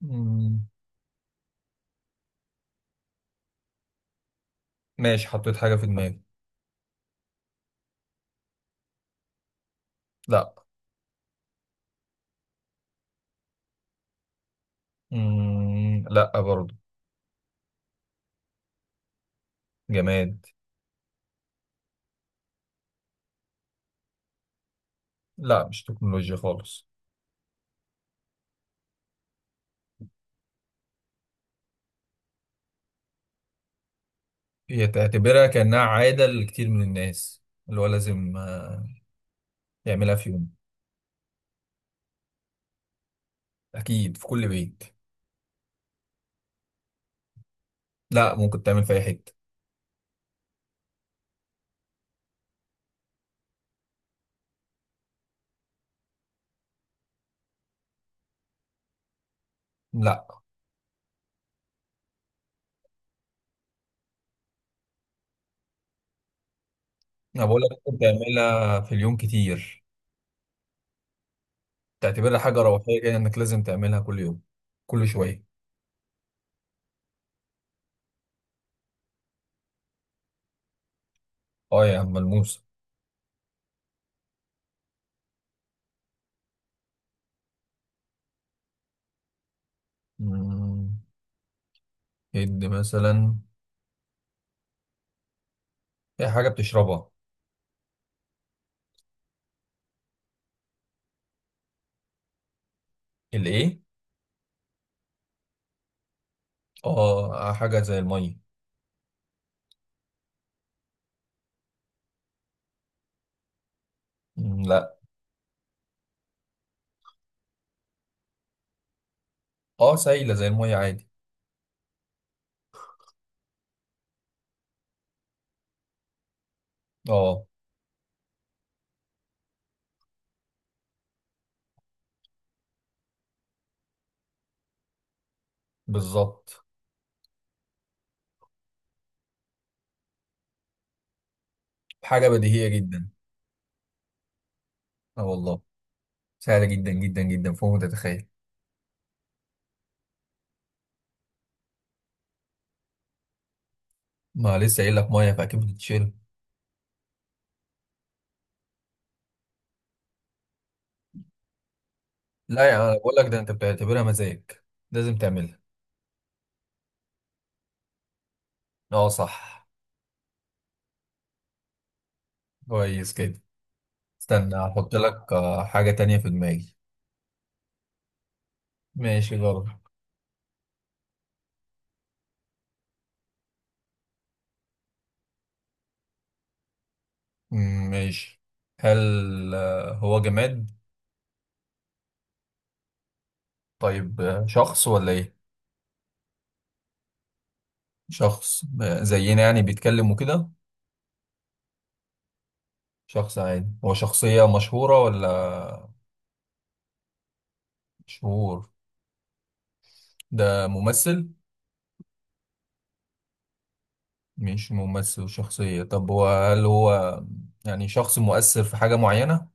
مم. ماشي، حطيت حاجة في دماغي. لا. مم. لا برضو. جماد. لا، مش تكنولوجيا خالص. هي تعتبرها كأنها عادة لكتير من الناس، اللي هو لازم يعملها في يوم. أكيد في كل بيت. لا، ممكن تعمل في أي حتة. لا، أنا بقول لك ممكن تعملها في اليوم كتير. تعتبرها حاجة روحية كده، إنك لازم تعملها كل يوم، كل شوية. أه يا عم، ملموسة. مم. إد مثلا، هي حاجة بتشربها. الإيه؟ اه، حاجة زي المية. مم، لا. اه، سايلة زي المية عادي. اه. بالظبط. حاجة بديهية جدا. اه والله. سهلة جدا جدا جدا، فوق ما تتخيل. ما لسه قايل لك مية، فأكيد بتتشرب. لا يا عم، أنا بقول لك ده أنت بتعتبرها مزاج. لازم تعملها. اه صح. كويس كده. استنى، هحط لك حاجة تانية في دماغي. ماشي، جرب. مم، ماشي. هل هو جماد؟ طيب شخص ولا ايه؟ شخص. زينا يعني، بيتكلم وكده؟ شخص عادي؟ هو شخصية مشهورة ولا؟ مشهور. ده ممثل؟ مش ممثل وشخصية. طب هو، هل هو يعني شخص مؤثر في حاجة معينة؟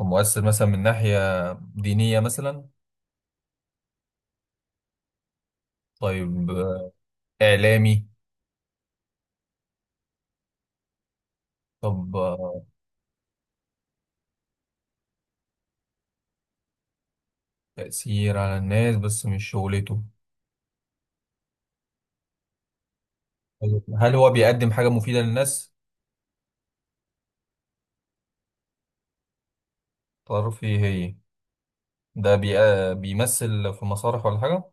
هو مؤثر مثلا من ناحية دينية مثلا؟ طيب إعلامي؟ طب تأثير على الناس بس مش شغلته. هل هو بيقدم حاجة مفيدة للناس؟ تعرفي هي. ده بيمثل في مسارح ولا حاجة؟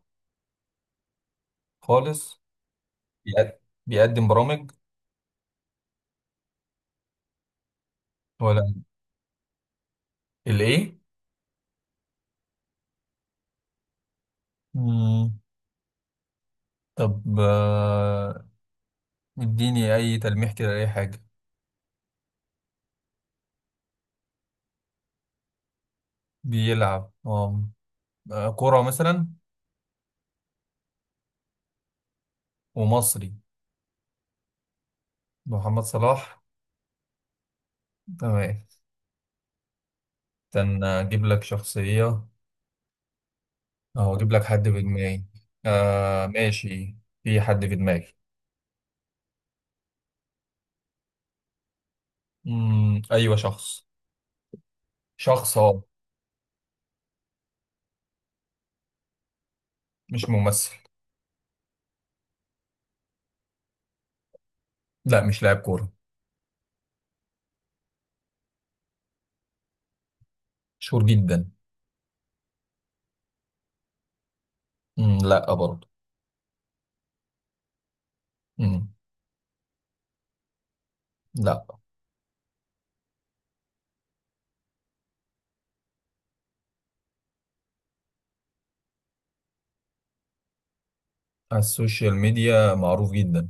خالص. بيقد- بيقدم برامج ولا؟ الإيه؟ مم. طب اديني اي تلميح كده، اي حاجه. بيلعب، اه، كرة مثلا؟ ومصري. محمد صلاح. تمام. استنى، اجيب لك شخصيه او اجيب لك حد في دماغي. آه، ماشي. في حد في دماغي. مم. ايوه، شخص. شخص، اه. مش ممثل. لا، مش لاعب كوره. مشهور جدا. مم. لا برضه. مم. لا. على السوشيال ميديا معروف جدا.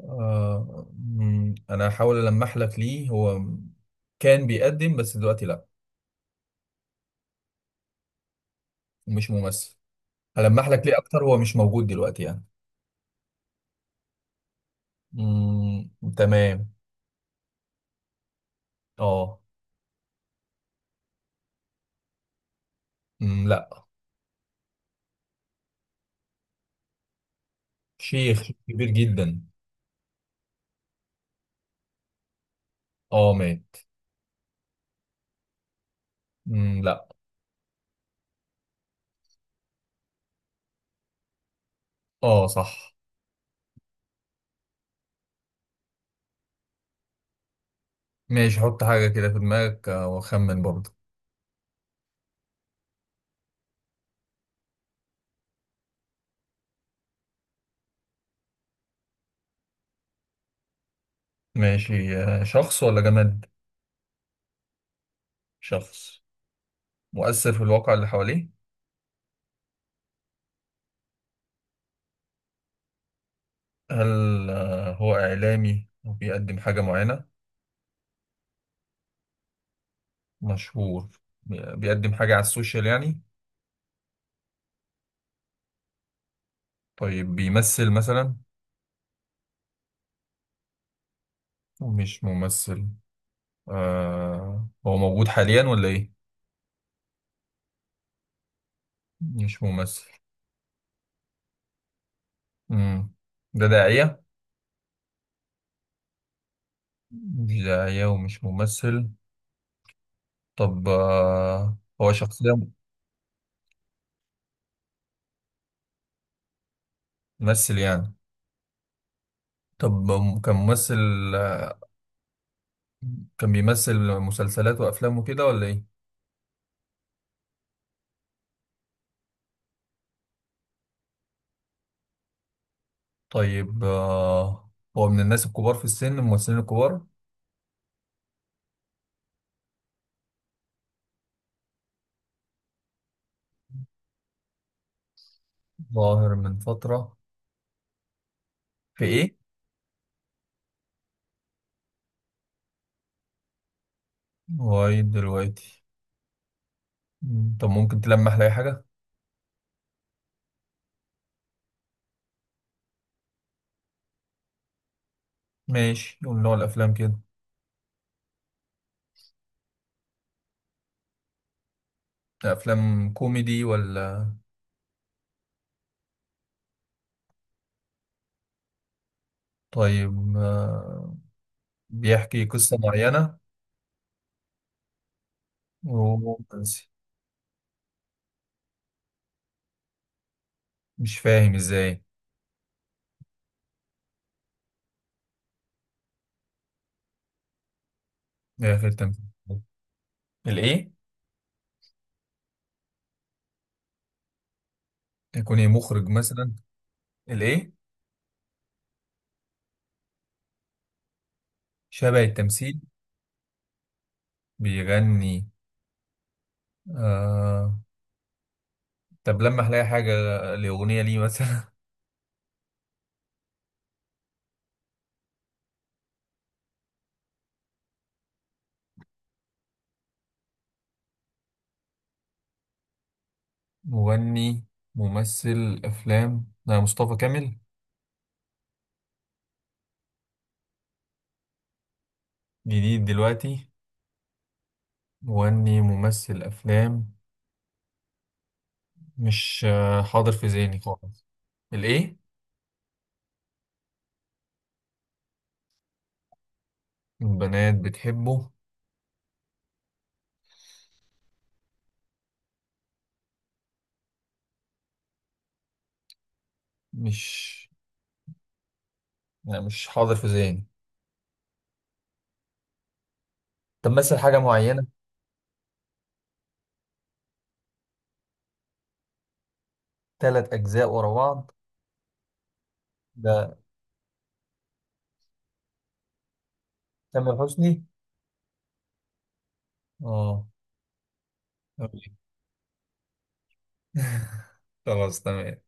انا هحاول ألمح لك ليه. هو كان بيقدم بس دلوقتي لا. مش ممثل. هلمح لك ليه اكتر، هو مش موجود دلوقتي يعني. مم، تمام. اه. مم، لا. شيخ، شيخ كبير جدا. اه، مات. مم، لا. اه صح. ماشي، حط حاجة كده في دماغك واخمن برضه. ماشي. شخص ولا جماد؟ شخص. مؤثر في الواقع اللي حواليه؟ هل هو إعلامي وبيقدم حاجة معينة؟ مشهور. بيقدم حاجة على السوشيال يعني؟ طيب بيمثل مثلا؟ مش ممثل. هو موجود حاليا ولا ايه؟ مش ممثل. مم. ده داعية؟ مش داعية ومش ممثل. طب هو شخصية، ممثل يعني؟ طب كان ممثل؟ كان بيمثل مسلسلات وأفلام وكده ولا ايه؟ طيب هو من الناس الكبار في السن، الممثلين الكبار؟ ظاهر من فترة. في ايه؟ لغاية دلوقتي. مم. طب ممكن تلمح لي أي حاجة؟ ماشي، قول نوع الأفلام كده. أفلام كوميدي ولا؟ طيب بيحكي قصة معينة؟ رومانسي؟ مش فاهم إزاي. إيه آخر تمثيل؟ الإيه؟ يكون إيه، مخرج مثلا؟ الإيه؟ شبه التمثيل؟ بيغني؟ آه... طب لمح لي أي حاجة، لأغنية ليه مثلا. مغني ممثل أفلام؟ لا، مصطفى كامل؟ جديد دلوقتي. مغني ممثل أفلام، مش حاضر في ذهني خالص. الايه؟ البنات بتحبه. مش لا، مش حاضر في ذهني. طب مثل حاجة معينة؟ ثلاث أجزاء ورا بعض؟ ده تامر حسني. اه. خلاص، تمام.